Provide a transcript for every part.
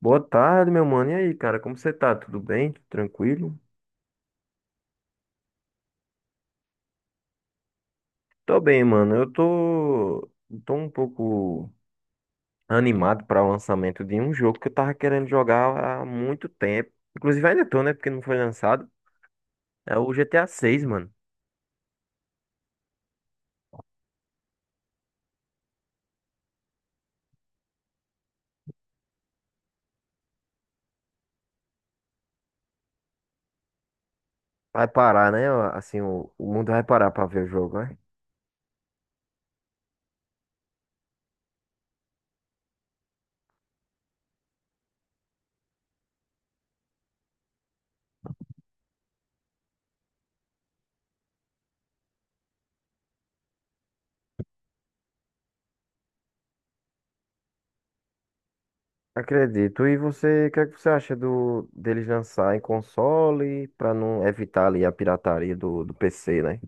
Boa tarde, meu mano. E aí, cara, como você tá? Tudo bem? Tranquilo? Tô bem, mano. Eu tô um pouco animado para o lançamento de um jogo que eu tava querendo jogar há muito tempo. Inclusive ainda tô, né? Porque não foi lançado. É o GTA 6 mano. Vai parar, né? Assim, o mundo vai parar pra ver o jogo, né? Acredito. E você, o que é que você acha do deles lançar em console para não evitar ali a pirataria do PC, né?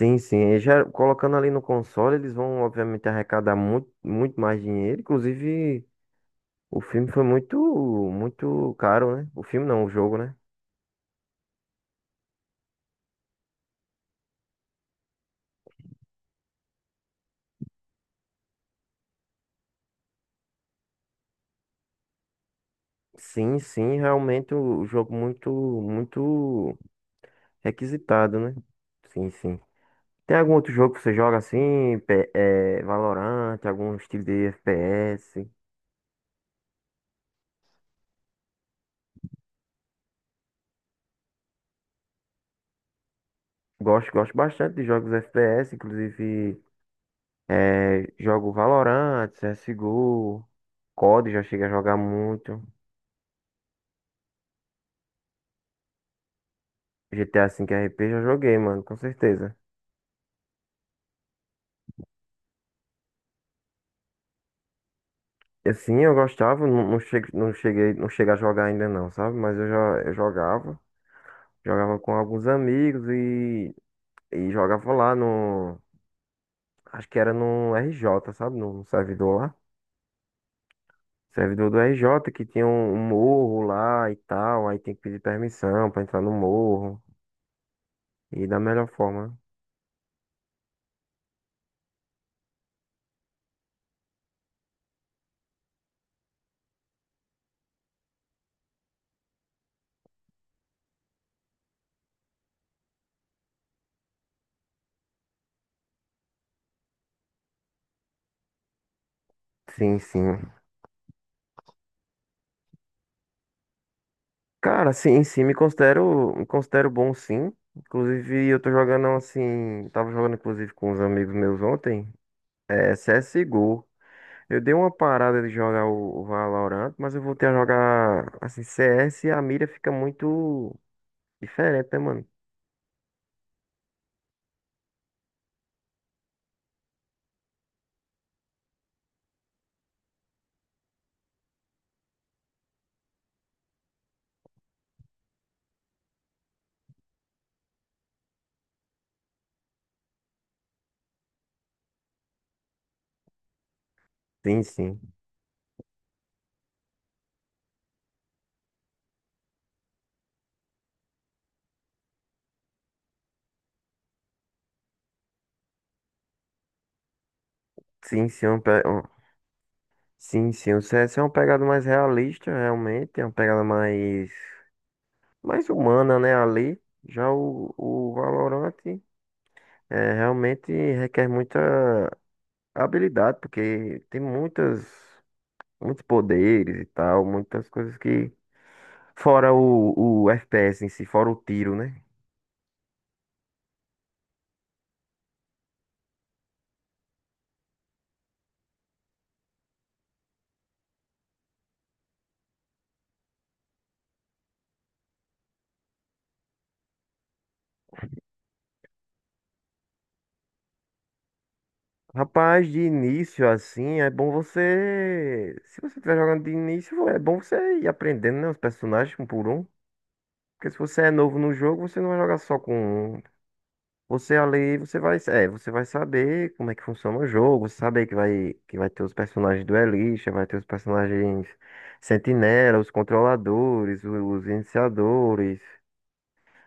Sim, sim. E já colocando ali no console, eles vão obviamente arrecadar muito, muito mais dinheiro. Inclusive, o filme foi muito, muito caro, né? O filme não, o jogo, né? Sim, sim, realmente o jogo muito, muito requisitado, né? Sim, sim. Tem algum outro jogo que você joga assim, Valorant, algum estilo de FPS? Gosto, gosto bastante de jogos FPS, inclusive jogo Valorant, CSGO, COD já cheguei a jogar muito, GTA V RP já joguei, mano, com certeza. Assim, eu gostava, não, não, não cheguei a jogar ainda não, sabe? Mas eu já eu jogava. Jogava com alguns amigos e jogava lá no. Acho que era no RJ, sabe? No servidor lá. Servidor do RJ que tinha um morro lá e tal. Aí tem que pedir permissão pra entrar no morro. E da melhor forma. Sim, sim. Cara, sim, sim, me considero bom sim. Inclusive, eu tô jogando assim. Tava jogando, inclusive, com uns amigos meus ontem. É CSGO. Eu dei uma parada de jogar o Valorant, mas eu voltei a jogar assim CS e a mira fica muito diferente, né, mano? Sim, sim. Sim, sim, sim, sim. O CS é uma pegada mais realista, realmente, é uma pegada mais humana, né, ali. Já o Valorant realmente requer muita habilidade, porque tem muitas muitos poderes e tal, muitas coisas que fora o FPS em si, fora o tiro, né? Rapaz, de início assim, é bom você. Se você estiver jogando de início, é bom você ir aprendendo, né, os personagens um por um. Porque se você é novo no jogo, você não vai jogar só com um. Você ali, você vai, você vai saber como é que funciona o jogo, você saber que vai ter os personagens duelistas, vai ter os personagens sentinela, os controladores, os iniciadores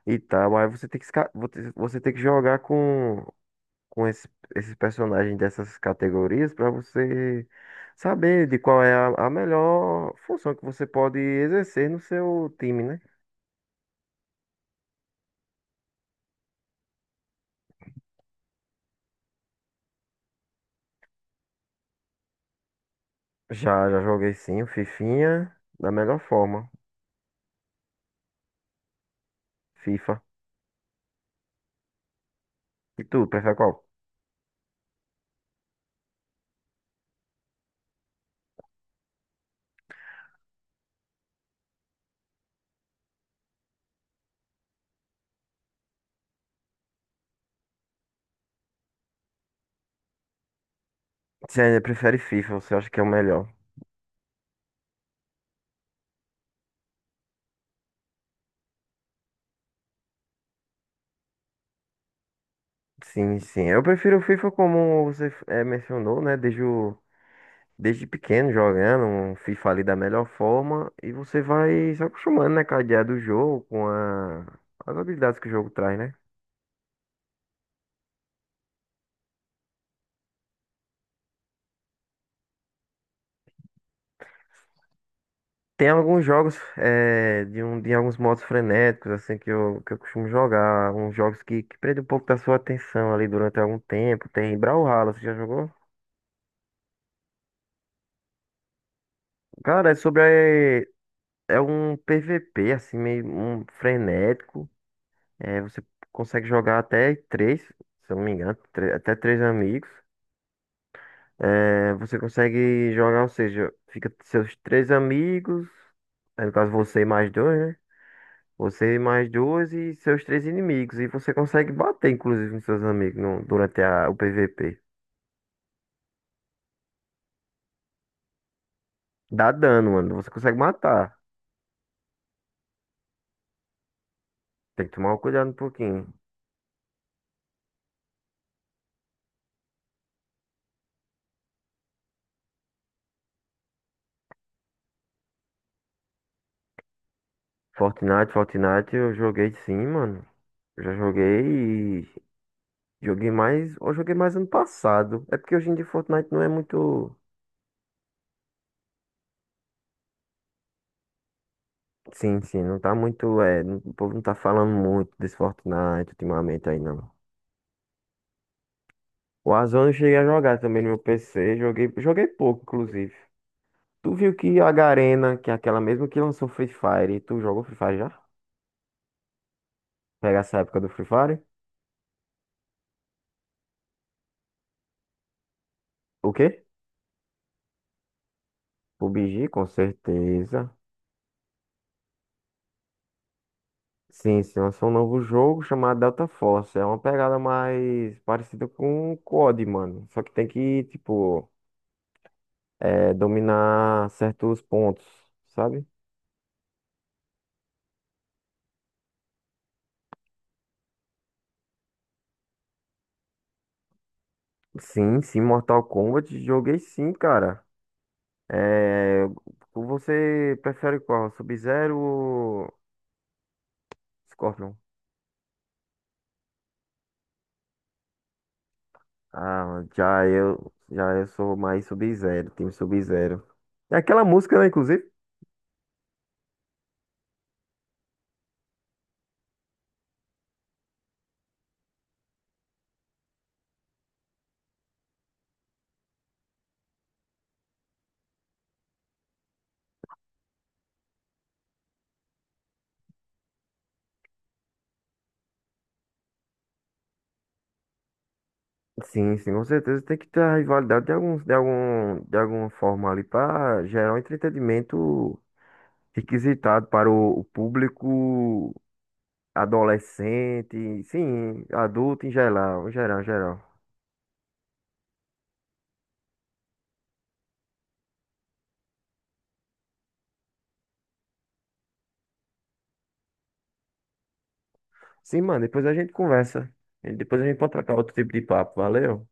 e tal. Aí você tem que, você tem que jogar com esses personagens dessas categorias para você saber de qual é a melhor função que você pode exercer no seu time, né? Já joguei sim, o Fifinha da melhor forma, FIFA. E tu, prefere qual? Você ainda prefere FIFA, você acha que é o melhor? Sim, sim. Eu prefiro o FIFA como você mencionou, né? Desde desde pequeno jogando um FIFA ali da melhor forma e você vai se acostumando, né, com a ideia do jogo, com as habilidades que o jogo traz, né? Tem alguns jogos de alguns modos frenéticos, assim, que eu costumo jogar. Uns jogos que prendem um pouco da sua atenção ali durante algum tempo. Tem Brawlhalla, você já jogou? Cara, é sobre. é É um PVP, assim, meio um frenético. Você consegue jogar até três, se eu não me engano, até três amigos. Você consegue jogar, ou seja, fica seus três amigos, no caso você e mais dois, né? Você e mais duas e seus três inimigos. E você consegue bater, inclusive, nos seus amigos durante o PVP. Dá dano, mano. Você consegue matar. Tem que tomar um cuidado um pouquinho. Fortnite, eu joguei sim, mano. Eu já joguei e joguei mais. Eu joguei mais ano passado. É porque hoje em dia Fortnite não é muito. Sim, sim, não tá muito. É, o povo não tá falando muito desse Fortnite ultimamente aí, não. O Warzone eu cheguei a jogar também no meu PC. Joguei pouco, inclusive. Tu viu que a Garena, que é aquela mesma que lançou Free Fire, tu jogou Free Fire já? Pega essa época do Free Fire? O quê? PUBG, com certeza. Sim, sim, lançou um novo jogo chamado Delta Force. É uma pegada mais parecida com o COD, mano. Só que tem que, tipo, dominar certos pontos, sabe? Sim, sim, Mortal Kombat, joguei sim, cara. É, você prefere qual? Sub-Zero ou Scorpion? Ah, já eu sou mais Sub-Zero, time Sub-Zero. É aquela música, né, inclusive? Sim, sim, com certeza tem que ter a rivalidade de algum, de alguma forma ali para gerar um entretenimento requisitado para o público adolescente, sim, adulto em geral, em geral, em geral. Sim, mano, depois a gente conversa. E depois a gente pode trocar outro tipo de papo, valeu?